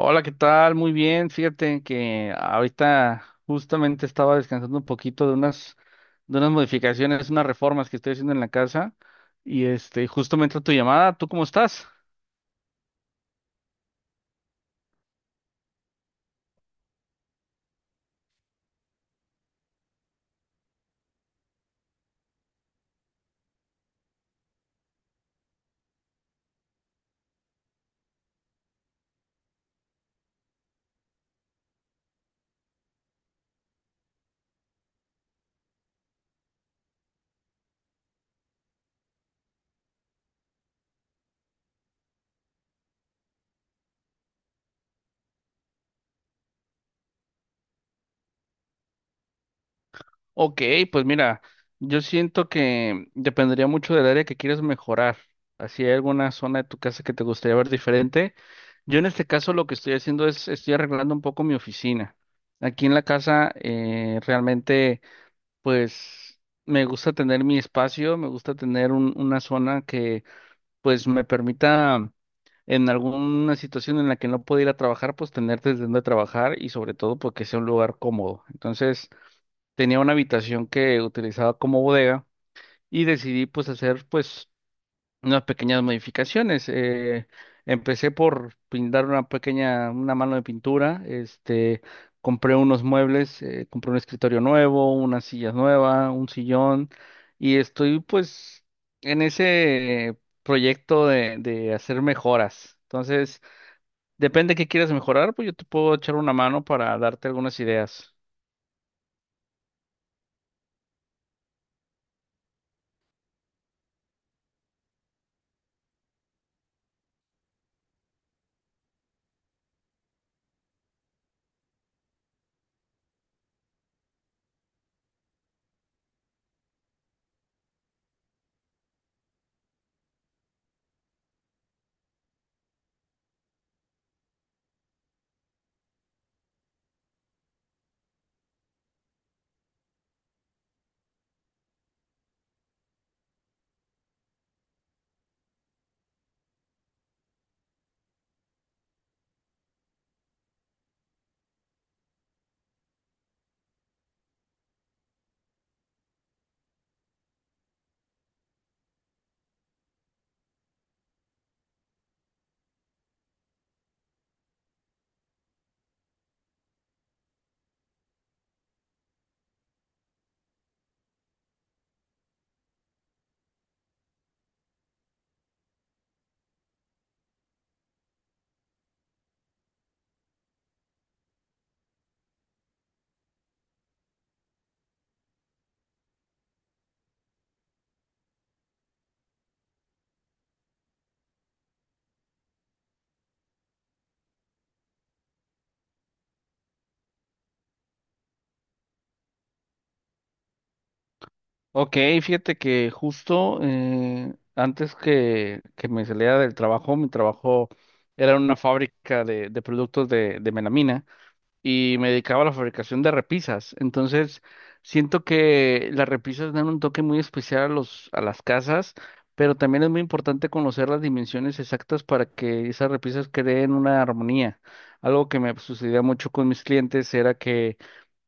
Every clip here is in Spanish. Hola, ¿qué tal? Muy bien. Fíjate que ahorita justamente estaba descansando un poquito de unas modificaciones, unas reformas que estoy haciendo en la casa y este, justo me entró tu llamada. ¿Tú cómo estás? Ok, pues mira, yo siento que dependería mucho del área que quieres mejorar. Así hay alguna zona de tu casa que te gustaría ver diferente. Yo en este caso lo que estoy haciendo es, estoy arreglando un poco mi oficina. Aquí en la casa realmente... pues me gusta tener mi espacio, me gusta tener una zona que pues me permita en alguna situación en la que no pueda ir a trabajar, pues tener desde donde trabajar y sobre todo porque sea un lugar cómodo. Entonces tenía una habitación que utilizaba como bodega y decidí pues hacer pues unas pequeñas modificaciones. Empecé por pintar una pequeña, una mano de pintura, este, compré unos muebles, compré un escritorio nuevo, unas sillas nuevas, un sillón, y estoy pues en ese proyecto de hacer mejoras. Entonces, depende de qué quieras mejorar, pues yo te puedo echar una mano para darte algunas ideas. Ok, fíjate que justo antes que me saliera del trabajo, mi trabajo era en una fábrica de productos de melamina y me dedicaba a la fabricación de repisas. Entonces, siento que las repisas dan un toque muy especial a a las casas, pero también es muy importante conocer las dimensiones exactas para que esas repisas creen una armonía. Algo que me sucedía mucho con mis clientes era que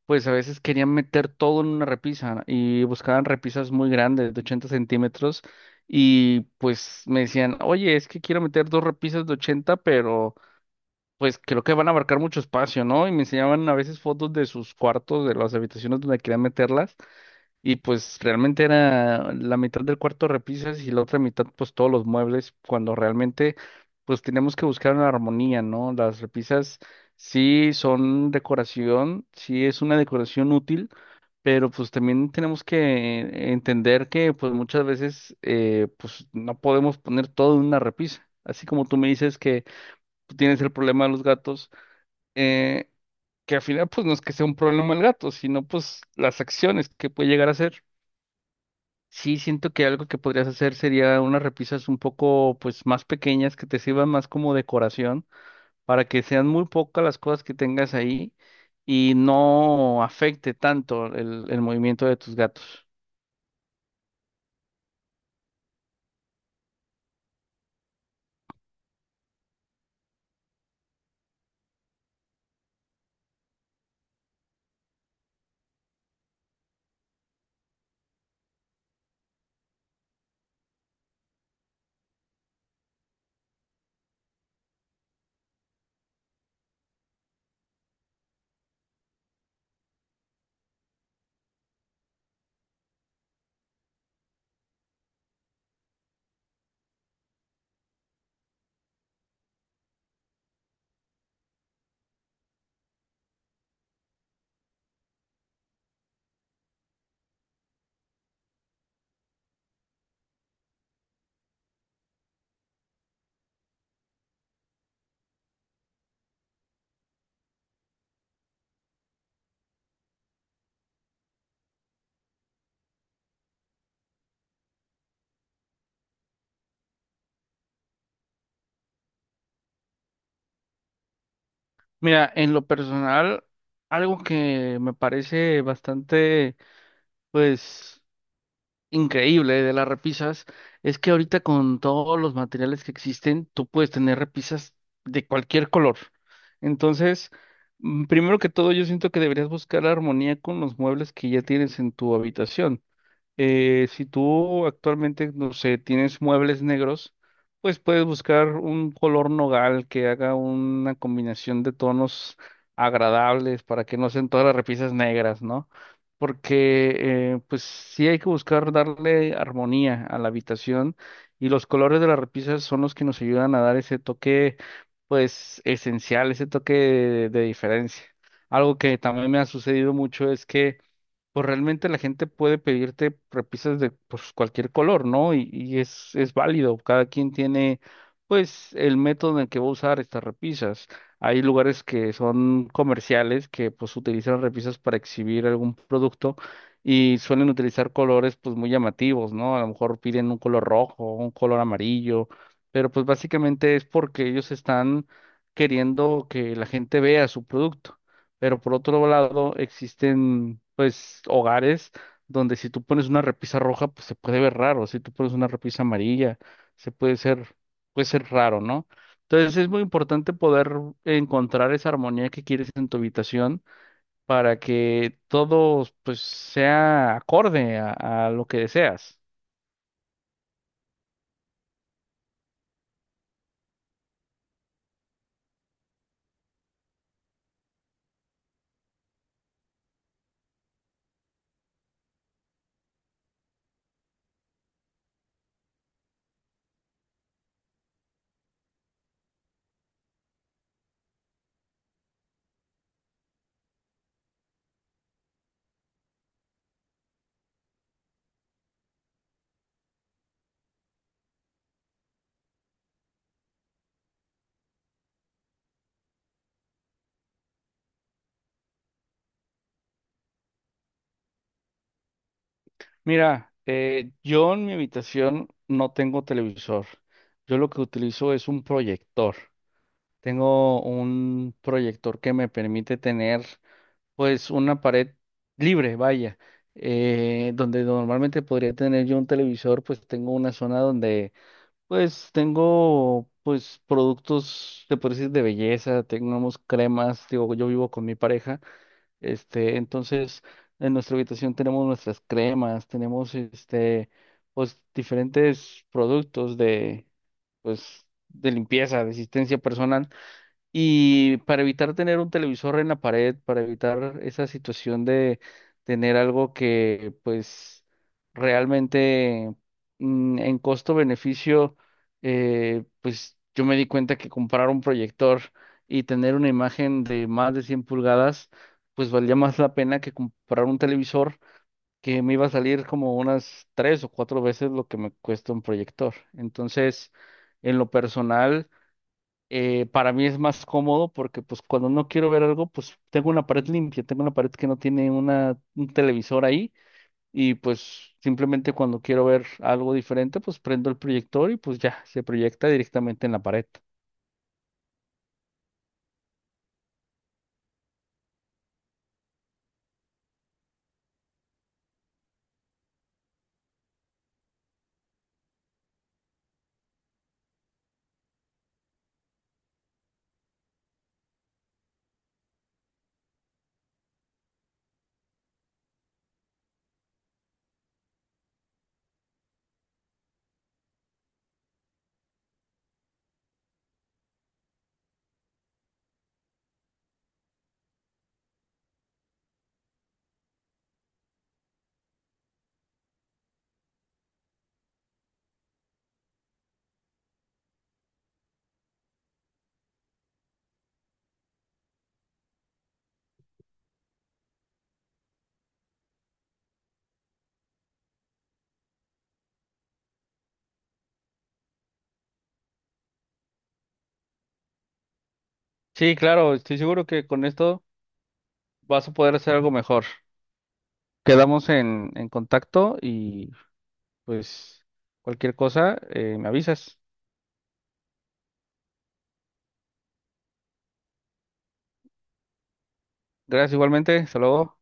pues a veces querían meter todo en una repisa y buscaban repisas muy grandes, de 80 centímetros, y pues me decían, oye, es que quiero meter dos repisas de 80, pero pues creo que van a abarcar mucho espacio, ¿no? Y me enseñaban a veces fotos de sus cuartos, de las habitaciones donde querían meterlas, y pues realmente era la mitad del cuarto repisas y la otra mitad pues todos los muebles, cuando realmente pues tenemos que buscar una armonía, ¿no? Las repisas sí son decoración, sí es una decoración útil, pero pues también tenemos que entender que pues muchas veces pues no podemos poner todo en una repisa. Así como tú me dices que tú tienes el problema de los gatos, eh, que al final pues no es que sea un problema el gato, sino pues las acciones que puede llegar a hacer. Sí, siento que algo que podrías hacer sería unas repisas un poco pues más pequeñas que te sirvan más como decoración para que sean muy pocas las cosas que tengas ahí y no afecte tanto el movimiento de tus gatos. Mira, en lo personal, algo que me parece bastante pues increíble de las repisas es que ahorita con todos los materiales que existen, tú puedes tener repisas de cualquier color. Entonces, primero que todo, yo siento que deberías buscar armonía con los muebles que ya tienes en tu habitación. Si tú actualmente, no sé, tienes muebles negros, pues puedes buscar un color nogal que haga una combinación de tonos agradables para que no sean todas las repisas negras, ¿no? Porque pues sí hay que buscar darle armonía a la habitación y los colores de las repisas son los que nos ayudan a dar ese toque, pues esencial, ese toque de diferencia. Algo que también me ha sucedido mucho es que pues realmente la gente puede pedirte repisas de pues, cualquier color, ¿no? Y es válido, cada quien tiene pues el método en el que va a usar estas repisas. Hay lugares que son comerciales que pues utilizan repisas para exhibir algún producto y suelen utilizar colores pues muy llamativos, ¿no? A lo mejor piden un color rojo, un color amarillo, pero pues básicamente es porque ellos están queriendo que la gente vea su producto. Pero por otro lado, existen pues hogares donde si tú pones una repisa roja, pues se puede ver raro. Si tú pones una repisa amarilla, se puede ser raro, ¿no? Entonces es muy importante poder encontrar esa armonía que quieres en tu habitación para que todo pues sea acorde a lo que deseas. Mira, yo en mi habitación no tengo televisor. Yo lo que utilizo es un proyector. Tengo un proyector que me permite tener pues una pared libre, vaya, donde normalmente podría tener yo un televisor, pues tengo una zona donde pues tengo pues productos, te puedo decir, de belleza, tenemos cremas, digo, yo vivo con mi pareja, este, entonces en nuestra habitación tenemos nuestras cremas, tenemos este, pues diferentes productos de pues de limpieza, de asistencia personal. Y para evitar tener un televisor en la pared, para evitar esa situación de tener algo que pues realmente en costo-beneficio, pues yo me di cuenta que comprar un proyector y tener una imagen de más de 100 pulgadas, pues valía más la pena que comprar un televisor que me iba a salir como unas 3 o 4 veces lo que me cuesta un proyector. Entonces, en lo personal para mí es más cómodo porque pues cuando no quiero ver algo, pues tengo una pared limpia, tengo una pared que no tiene un televisor ahí y pues simplemente cuando quiero ver algo diferente, pues prendo el proyector y pues ya se proyecta directamente en la pared. Sí, claro, estoy seguro que con esto vas a poder hacer algo mejor. Quedamos en contacto y pues cualquier cosa, me avisas. Gracias igualmente, hasta luego.